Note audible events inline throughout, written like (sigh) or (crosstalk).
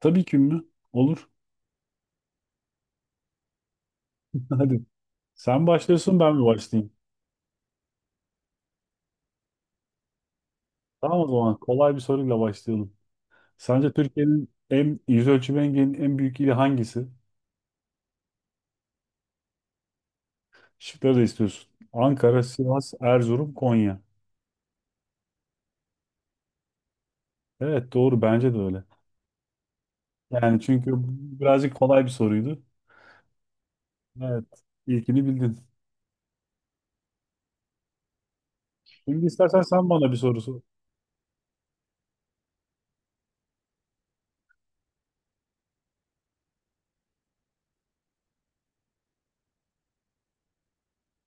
Tabii ki mi? Olur. (laughs) Hadi. Sen başlıyorsun ben mi başlayayım? Tamam o zaman kolay bir soruyla başlayalım. Sence Türkiye'nin en yüz ölçümü engelinin en büyük ili hangisi? Şıkları da istiyorsun. Ankara, Sivas, Erzurum, Konya. Evet doğru bence de öyle. Yani çünkü bu birazcık kolay bir soruydu. Evet ilkini bildin. Şimdi istersen sen bana bir soru sor.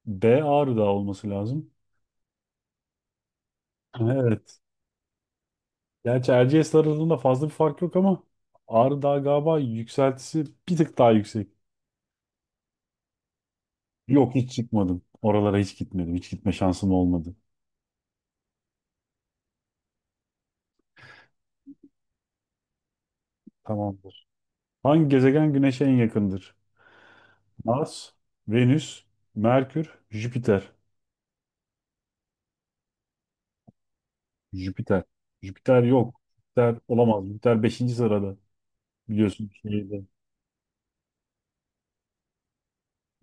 B Ağrı Dağı olması lazım. Evet. Gerçi Erciyes arasında fazla bir fark yok ama Ağrı Dağı galiba yükseltisi bir tık daha yüksek. Yok hiç çıkmadım. Oralara hiç gitmedim. Hiç gitme şansım olmadı. Tamamdır. Hangi gezegen Güneş'e en yakındır? Mars, Venüs, Merkür, Jüpiter. Jüpiter. Jüpiter yok. Jüpiter olamaz. Jüpiter beşinci sırada biliyorsun şeyde.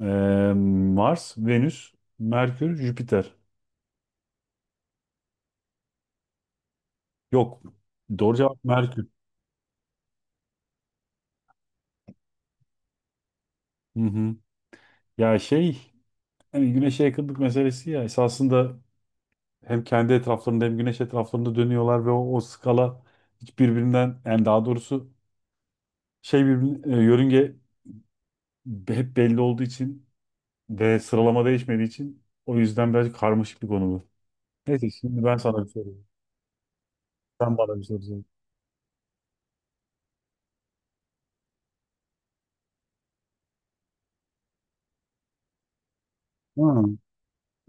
Ee, Mars, Venüs, Merkür, Jüpiter. Yok. Doğru cevap Merkür. Hı hı. Ya şey hani Güneş'e yakınlık meselesi ya esasında hem kendi etraflarında hem güneş etraflarında dönüyorlar ve o skala hiç birbirinden yani daha doğrusu şey birbirine, yörünge hep belli olduğu için ve sıralama değişmediği için o yüzden biraz karmaşık bir konu bu. Neyse şimdi ben sana bir soru. Sen bana bir soru sor. Hmm.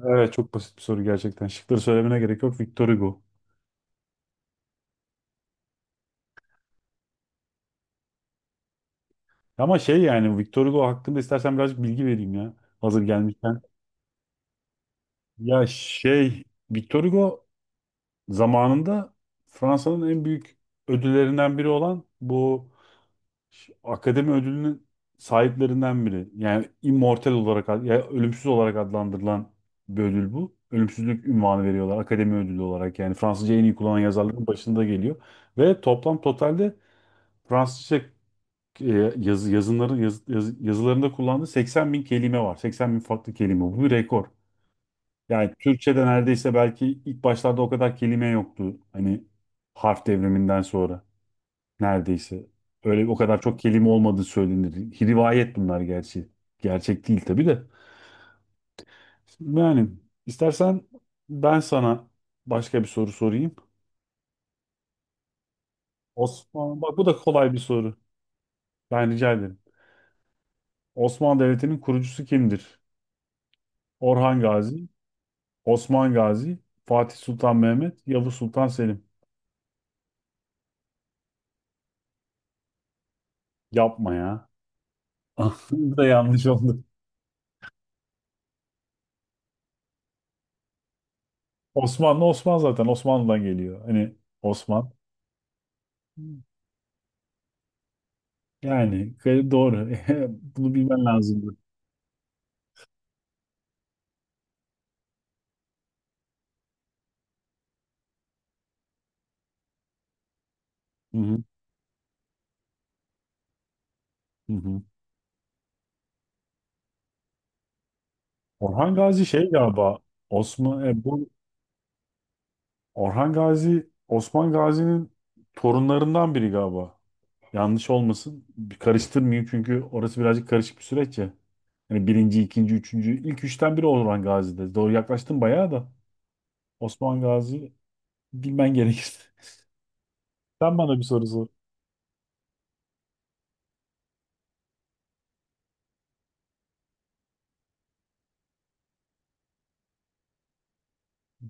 Evet çok basit bir soru gerçekten. Şıkları söylemene gerek yok. Victor Hugo. Ama şey yani Victor Hugo hakkında istersen birazcık bilgi vereyim ya. Hazır gelmişken. Ya şey Victor Hugo zamanında Fransa'nın en büyük ödüllerinden biri olan bu akademi ödülünün sahiplerinden biri. Yani immortal olarak ya ölümsüz olarak adlandırılan bir ödül bu. Ölümsüzlük ünvanı veriyorlar akademi ödülü olarak. Yani Fransızca en iyi kullanan yazarların başında geliyor. Ve toplam totalde Fransızca yazılarında kullandığı 80 bin kelime var. 80 bin farklı kelime. Bu bir rekor. Yani Türkçe'de neredeyse belki ilk başlarda o kadar kelime yoktu. Hani harf devriminden sonra neredeyse. Öyle o kadar çok kelime olmadığı söylenir. Rivayet bunlar gerçi. Gerçek değil tabii de. Yani istersen ben sana başka bir soru sorayım. Osmanlı, bak bu da kolay bir soru. Ben rica ederim. Osmanlı Devleti'nin kurucusu kimdir? Orhan Gazi, Osman Gazi, Fatih Sultan Mehmet, Yavuz Sultan Selim. Yapma ya. (laughs) Bu da yanlış oldu. Osmanlı Osman zaten Osmanlı'dan geliyor. Hani Osman. Yani gayet doğru. (laughs) Bunu bilmen lazımdı. Hı hı, hı hı. Orhan Gazi şey galiba Osman bu Orhan Gazi Osman Gazi'nin torunlarından biri galiba. Yanlış olmasın. Bir karıştırmayayım çünkü orası birazcık karışık bir süreç ya. Hani birinci, ikinci, üçüncü, ilk üçten biri Orhan Gazi'de. Doğru yaklaştın bayağı da. Osman Gazi bilmen gerekir. (laughs) Sen bana bir soru sor.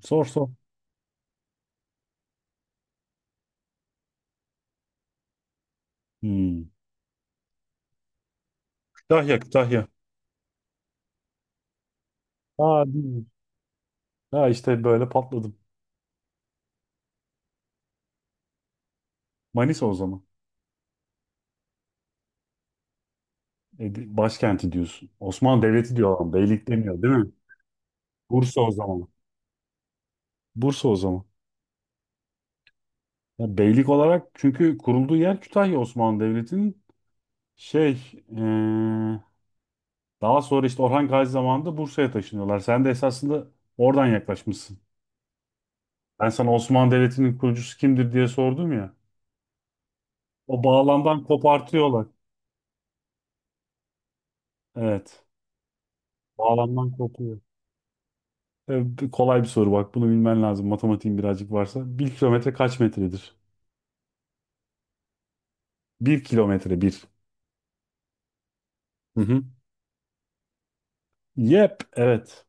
Sor sor. Hmm. Kütahya, Kütahya. Aa değil. Ha işte böyle patladım. Manisa o zaman. Başkenti diyorsun. Osmanlı Devleti diyor adam. Beylik demiyor değil mi? Bursa o zaman. Bursa o zaman. Ya beylik olarak çünkü kurulduğu yer Kütahya Osmanlı Devleti'nin şey e, daha sonra işte Orhan Gazi zamanında Bursa'ya taşınıyorlar. Sen de esasında oradan yaklaşmışsın. Ben sana Osmanlı Devleti'nin kurucusu kimdir diye sordum ya. O bağlamdan kopartıyorlar. Evet. Bağlamdan kopuyor. Kolay bir soru bak. Bunu bilmen lazım. Matematiğin birazcık varsa. Bir kilometre kaç metredir? Bir kilometre bir. Hı hı. Yep. Evet.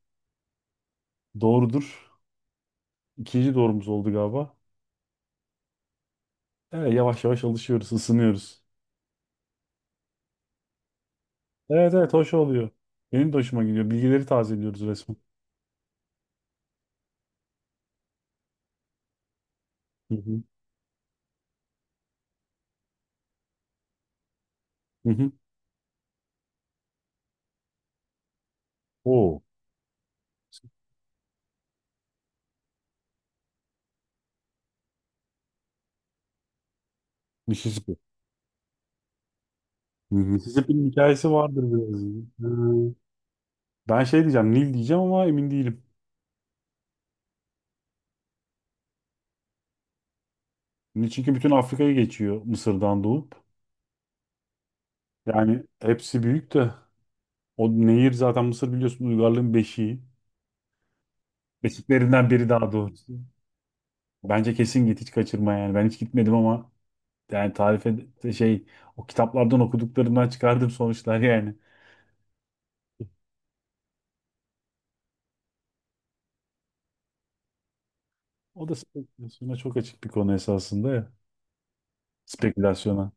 Doğrudur. İkinci doğrumuz oldu galiba. Evet, yavaş yavaş alışıyoruz, ısınıyoruz. Evet evet hoş oluyor. Benim de hoşuma gidiyor. Bilgileri tazeliyoruz resmen. Hı hı. Hı hı. Oo. Mississippi. Hı hı. Mississippi'nin hikayesi vardır biraz. Hı. Ben şey diyeceğim, Nil diyeceğim ama emin değilim. Çünkü bütün Afrika'yı geçiyor Mısır'dan doğup. Yani hepsi büyük de. O nehir zaten Mısır biliyorsun uygarlığın beşiği. Beşiklerinden biri daha doğrusu. Bence kesin git hiç kaçırma yani. Ben hiç gitmedim ama yani tarife şey o kitaplardan okuduklarımdan çıkardığım sonuçlar yani. O da spekülasyona çok açık bir konu esasında ya. Spekülasyona.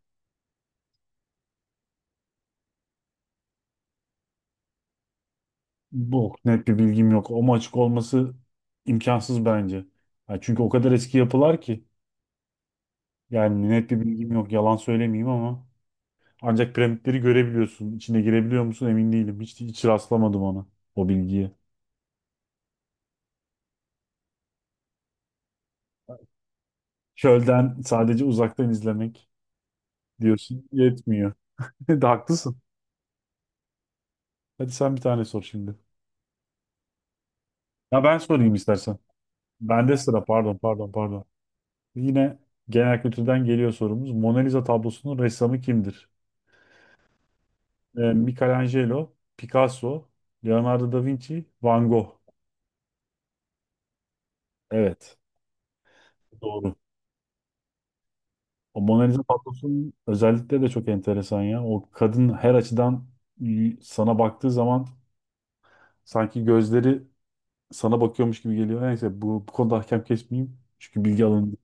Bu net bir bilgim yok. Ama açık olması imkansız bence. Ya çünkü o kadar eski yapılar ki. Yani net bir bilgim yok. Yalan söylemeyeyim ama. Ancak piramitleri görebiliyorsun. İçine girebiliyor musun emin değilim. Hiç rastlamadım ona o bilgiye. Çölden sadece uzaktan izlemek diyorsun yetmiyor. (laughs) De haklısın. Hadi sen bir tane sor şimdi. Ya ben sorayım istersen. Bende sıra pardon pardon pardon. Yine genel kültürden geliyor sorumuz. Mona Lisa tablosunun ressamı kimdir? Michelangelo, Picasso, Leonardo da Vinci, Van Gogh. Evet. Doğru. O Mona Lisa tablosunun özellikle de çok enteresan ya. O kadın her açıdan sana baktığı zaman sanki gözleri sana bakıyormuş gibi geliyor. Neyse bu konuda hakem kesmeyeyim. Çünkü bilgi alındı.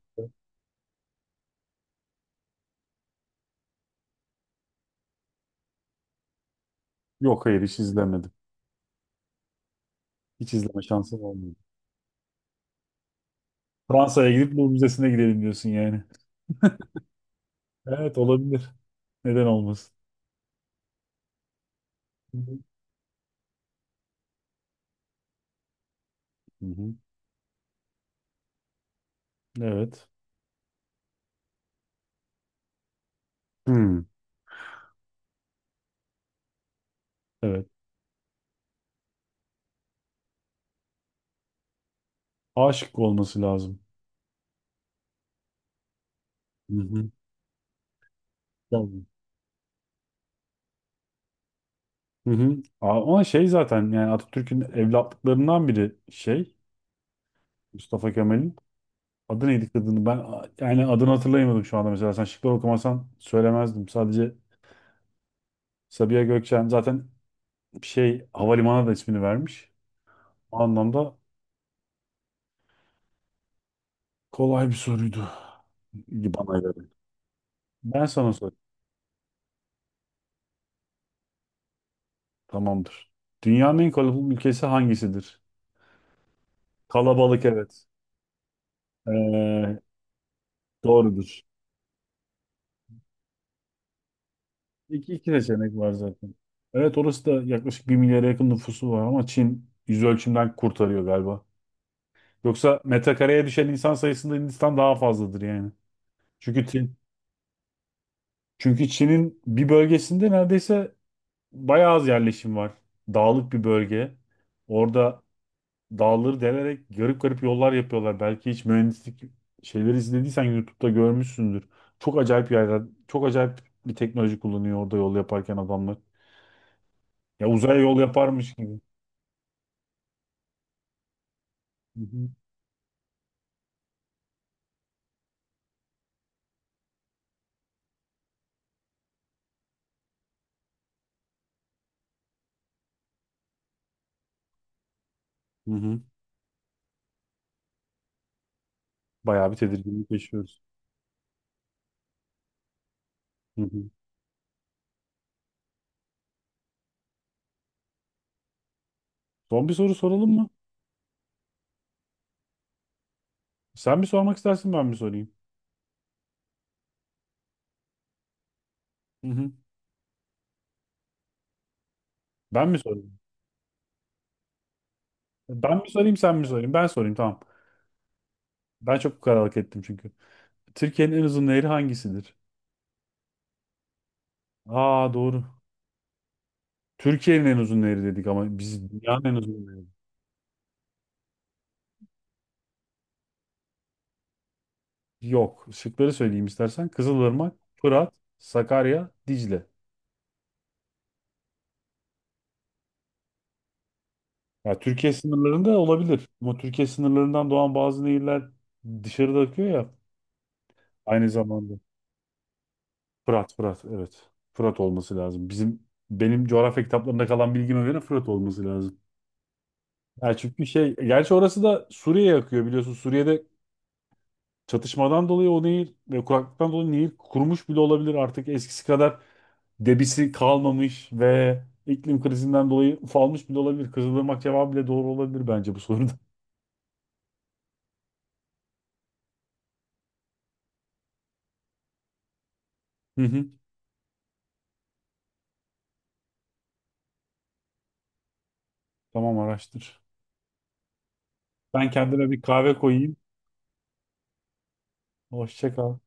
Yok hayır hiç izlemedim. Hiç izleme şansım olmadı. Fransa'ya gidip Louvre Müzesi'ne gidelim diyorsun yani. Evet olabilir. Neden olmasın? Hı hı. Evet. Hmm. Evet. Aşık olması lazım. Hı hı. Tabii. Hı hı. Ama şey zaten yani Atatürk'ün evlatlıklarından biri şey Mustafa Kemal'in. Adı neydi kadını? Ben yani adını hatırlayamadım şu anda mesela. Sen şıklar okumasan söylemezdim. Sadece Sabiha Gökçen zaten şey havalimanına da ismini vermiş. O anlamda kolay bir soruydu bana göre. Ben sana sorayım. Tamamdır. Dünyanın en kalabalık ülkesi hangisidir? Kalabalık evet. Ee, doğrudur. İki seçenek var zaten. Evet orası da yaklaşık bir milyara yakın nüfusu var ama Çin yüz ölçümden kurtarıyor galiba. Yoksa metrekareye düşen insan sayısında Hindistan daha fazladır yani. Çünkü Çin, çünkü Çin'in bir bölgesinde neredeyse bayağı az yerleşim var. Dağlık bir bölge. Orada dağları delerek garip garip yollar yapıyorlar. Belki hiç mühendislik şeyleri izlediysen YouTube'da görmüşsündür. Çok acayip yerler, çok acayip bir teknoloji kullanıyor orada yol yaparken adamlar. Ya uzaya yol yaparmış gibi. Hı hı. Hı hı. Bayağı bir tedirginlik yaşıyoruz. Hı hı. Son bir soru soralım mı? Sen bir sormak istersin ben mi sorayım? Hı hı. Ben mi sorayım? Ben mi sorayım, sen mi sorayım? Ben sorayım, tamam. Ben çok kararlılık ettim çünkü. Türkiye'nin en uzun nehri hangisidir? Aa doğru. Türkiye'nin en uzun nehri dedik ama biz dünyanın en uzun nehri. Yok. Şıkları söyleyeyim istersen. Kızılırmak, Fırat, Sakarya, Dicle. Ya Türkiye sınırlarında olabilir. Ama Türkiye sınırlarından doğan bazı nehirler dışarıda akıyor ya aynı zamanda. Fırat, Fırat, evet. Fırat olması lazım. Benim coğrafya kitaplarında kalan bilgime göre Fırat olması lazım. Ya çünkü şey, gerçi orası da Suriye'ye akıyor biliyorsun. Suriye'de çatışmadan dolayı o nehir ve kuraklıktan dolayı nehir kurumuş bile olabilir. Artık eskisi kadar debisi kalmamış ve iklim krizinden dolayı ufalmış bile olabilir. Kızılırmak cevabı bile doğru olabilir bence bu soruda. (laughs) Hı hı. Tamam araştır. Ben kendime bir kahve koyayım. Hoşça kal.